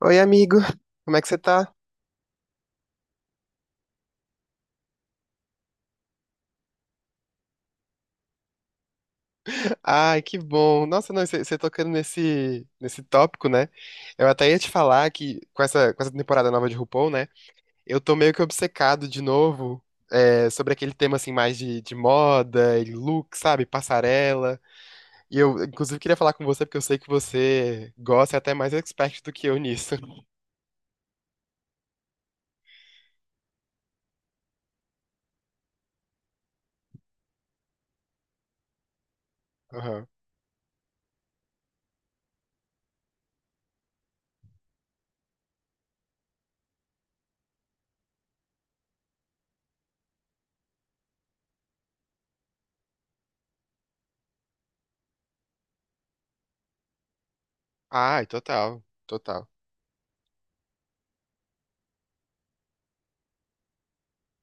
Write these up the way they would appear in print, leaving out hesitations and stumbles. Oi, amigo. Como é que você tá? Ai, que bom. Nossa, não, você tocando nesse tópico, né? Eu até ia te falar que com essa temporada nova de RuPaul, né? Eu tô meio que obcecado de novo sobre aquele tema, assim, mais de moda e look, sabe? Passarela. E eu, inclusive, queria falar com você porque eu sei que você gosta e é até mais expert do que eu nisso. Aham. Ai, total. Total.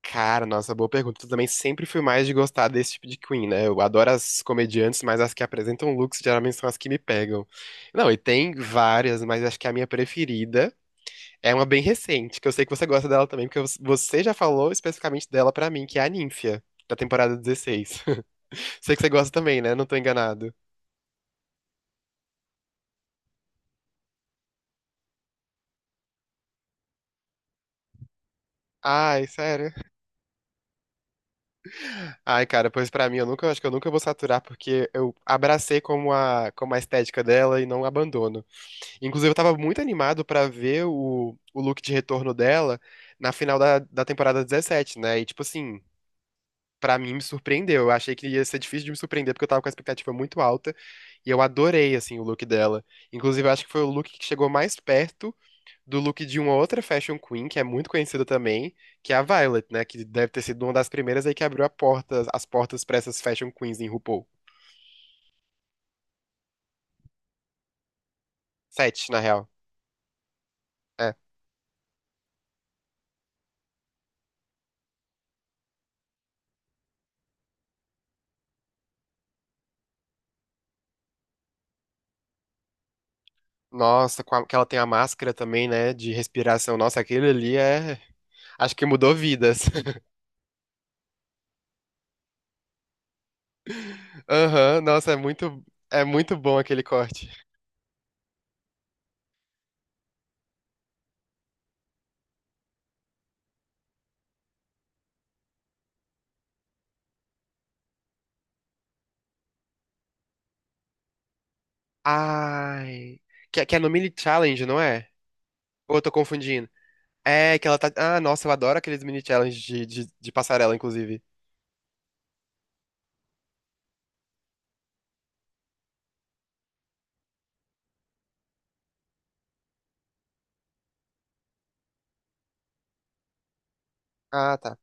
Cara, nossa, boa pergunta. Eu também sempre fui mais de gostar desse tipo de Queen, né? Eu adoro as comediantes, mas as que apresentam looks geralmente são as que me pegam. Não, e tem várias, mas acho que a minha preferida é uma bem recente, que eu sei que você gosta dela também, porque você já falou especificamente dela pra mim, que é a Nymphia, da temporada 16. Sei que você gosta também, né? Não tô enganado. Ai, sério. Ai, cara, pois pra mim eu nunca, acho que eu nunca vou saturar porque eu abracei como a estética dela e não abandono. Inclusive, eu tava muito animado pra ver o look de retorno dela na final da temporada 17, né? E, tipo assim, pra mim me surpreendeu. Eu achei que ia ser difícil de me surpreender, porque eu tava com a expectativa muito alta. E eu adorei, assim, o look dela. Inclusive, eu acho que foi o look que chegou mais perto do look de uma outra fashion queen, que é muito conhecida também, que é a Violet, né? Que deve ter sido uma das primeiras aí que abriu a porta, as portas pra essas fashion queens em RuPaul. Sete, na real. É. Nossa, com a- que ela tem a máscara também, né, de respiração. Nossa, aquele ali é, acho que mudou vidas. Aham, nossa, é muito bom aquele corte. Ai, que é no mini challenge, não é? Ou eu tô confundindo? É que ela tá. Ah, nossa, eu adoro aqueles mini challenges de passarela, inclusive. Ah, tá.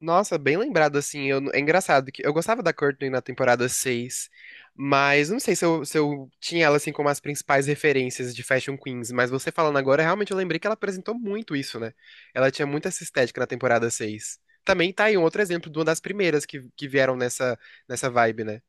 Nossa, bem lembrado, assim, eu, é engraçado que eu gostava da Courtney na temporada 6, mas não sei se eu tinha ela, assim, como as principais referências de Fashion Queens, mas você falando agora, realmente eu lembrei que ela apresentou muito isso, né? Ela tinha muito essa estética na temporada 6. Também tá aí um outro exemplo de uma das primeiras que vieram nessa vibe, né?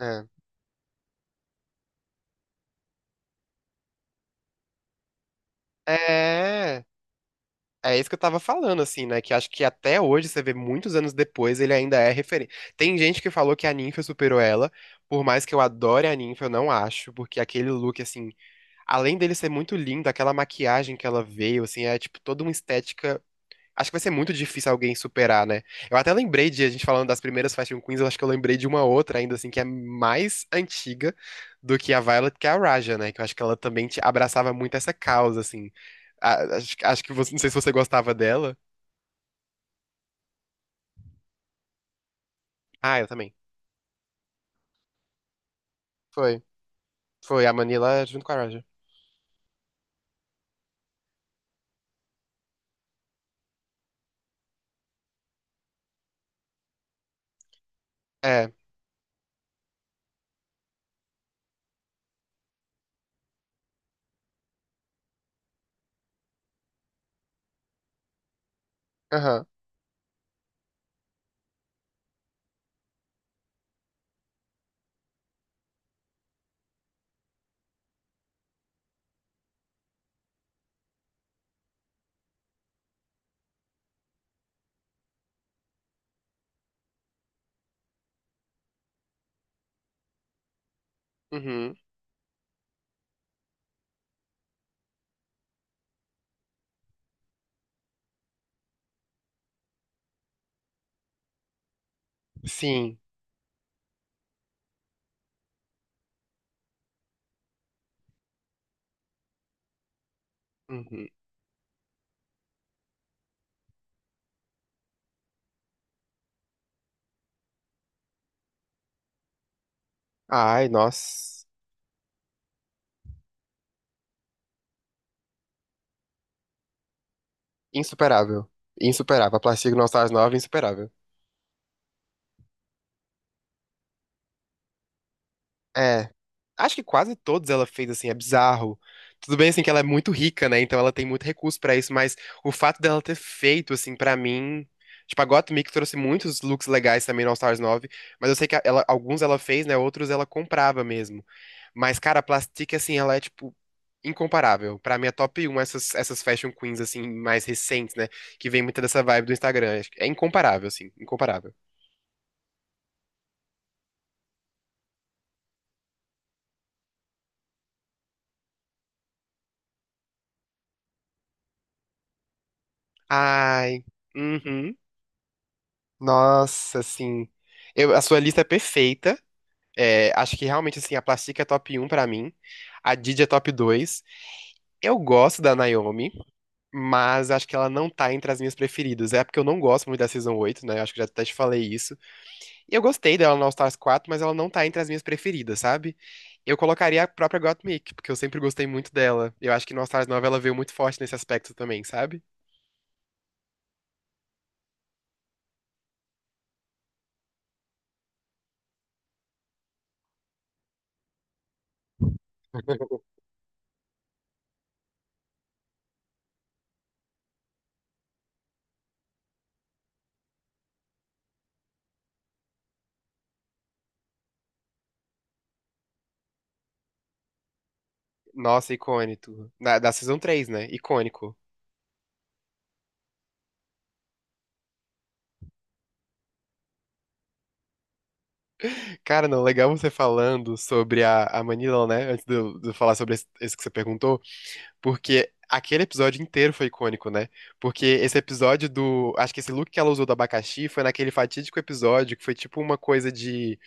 É. É. É isso que eu tava falando, assim, né? Que acho que até hoje, você vê muitos anos depois, ele ainda é referente. Tem gente que falou que a Ninfa superou ela, por mais que eu adore a Ninfa, eu não acho, porque aquele look, assim, além dele ser muito lindo, aquela maquiagem que ela veio, assim, é tipo toda uma estética. Acho que vai ser muito difícil alguém superar, né? Eu até lembrei de a gente falando das primeiras Fashion Queens, eu acho que eu lembrei de uma outra ainda, assim, que é mais antiga do que a Violet, que é a Raja, né? Que eu acho que ela também te abraçava muito essa causa, assim. Acho que você, não sei se você gostava dela. Ah, eu também. Foi. Foi a Manila junto com a Roger. É. Aham. Uhum. Sim. Uhum. Ai, nossa. Insuperável. Insuperável. A Plastic Nostalgia Nova, insuperável. É. Acho que quase todos ela fez, assim, é bizarro. Tudo bem, assim, que ela é muito rica, né? Então ela tem muito recurso pra isso, mas o fato dela ter feito, assim, pra mim. Tipo, a Gottmik trouxe muitos looks legais também no All Stars 9, mas eu sei que ela, alguns ela fez, né? Outros ela comprava mesmo. Mas, cara, a Plastic, assim, ela é, tipo, incomparável. Pra mim é top um essas fashion queens, assim, mais recentes, né? Que vem muita dessa vibe do Instagram. É incomparável, assim. Incomparável. Ai. Uhum. Nossa, assim. Eu, a sua lista é perfeita. É, acho que realmente, assim, a Plastica é top um pra mim. A Didi é top dois. Eu gosto da Naomi, mas acho que ela não tá entre as minhas preferidas. É porque eu não gosto muito da Season oito, né? Acho que já até te falei isso. Eu gostei dela no All Stars quatro, mas ela não tá entre as minhas preferidas, sabe? Eu colocaria a própria Gottmik, porque eu sempre gostei muito dela. Eu acho que no All Stars 9 ela veio muito forte nesse aspecto também, sabe? Nossa, icônico. Da Season três, né? Icônico. Cara, não, legal você falando sobre a Manila, né? Antes de eu falar sobre esse que você perguntou, porque aquele episódio inteiro foi icônico, né? Porque esse episódio do. Acho que esse look que ela usou do abacaxi foi naquele fatídico episódio que foi tipo uma coisa de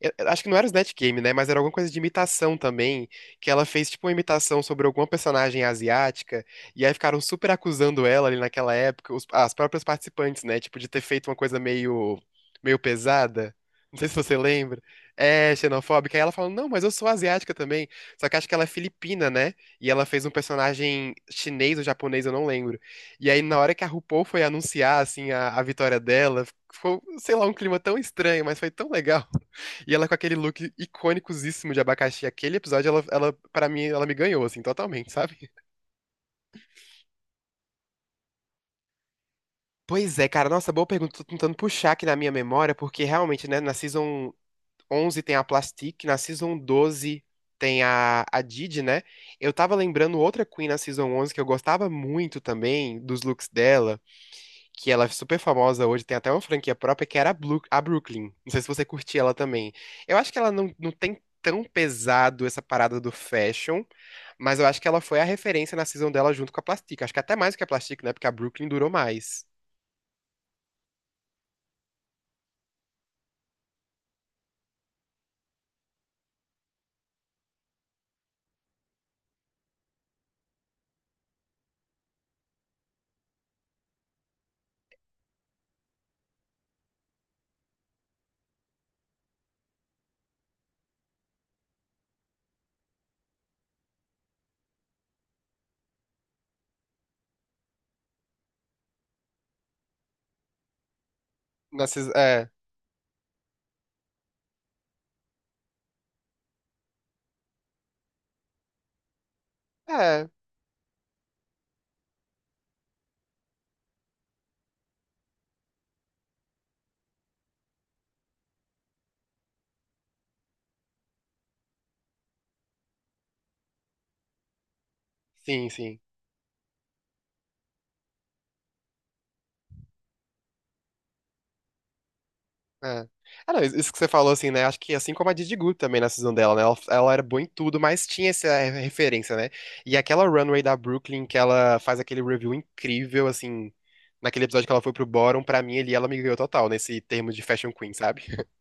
eu acho que não era Snatch Game, né? Mas era alguma coisa de imitação também, que ela fez tipo uma imitação sobre alguma personagem asiática, e aí ficaram super acusando ela ali naquela época, as próprias participantes, né? Tipo, de ter feito uma coisa meio, meio pesada. Não sei se você lembra. É, xenofóbica. Aí ela falou, não, mas eu sou asiática também. Só que acho que ela é filipina, né? E ela fez um personagem chinês ou japonês, eu não lembro. E aí, na hora que a RuPaul foi anunciar, assim, a vitória dela, ficou, sei lá, um clima tão estranho, mas foi tão legal. E ela com aquele look icônicosíssimo de abacaxi. Aquele episódio, pra mim, ela me ganhou, assim, totalmente, sabe? Pois é, cara. Nossa, boa pergunta. Tô tentando puxar aqui na minha memória, porque realmente, né, na Season 11 tem a Plastic, na Season 12 tem a Didi, né? Eu tava lembrando outra Queen na Season 11 que eu gostava muito também, dos looks dela. Que ela é super famosa hoje, tem até uma franquia própria, que era a, a Brooklyn. Não sei se você curtia ela também. Eu acho que ela não tem tão pesado essa parada do fashion, mas eu acho que ela foi a referência na season dela junto com a Plastic. Acho que até mais que a Plastic, né? Porque a Brooklyn durou mais. Na season, é, é, sim, sim. É. Ah, não, isso que você falou, assim, né? Acho que assim como a Didi Gu também na season dela, né? Ela era boa em tudo, mas tinha essa referência, né? E aquela runway da Brooklyn que ela faz aquele review incrível, assim, naquele episódio que ela foi pro Bottom, pra mim ali ela me ganhou total nesse termo de Fashion Queen, sabe?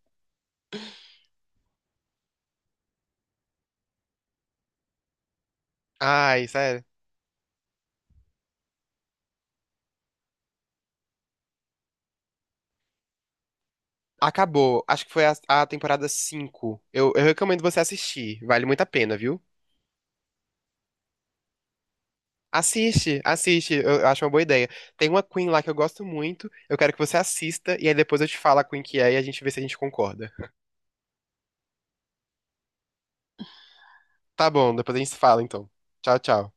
Ai, sério. Acabou. Acho que foi a temporada cinco. Eu recomendo você assistir. Vale muito a pena, viu? Assiste, assiste, eu acho uma boa ideia. Tem uma Queen lá que eu gosto muito, eu quero que você assista e aí depois eu te falo a Queen que é e a gente vê se a gente concorda. Tá bom, depois a gente se fala então. Tchau, tchau.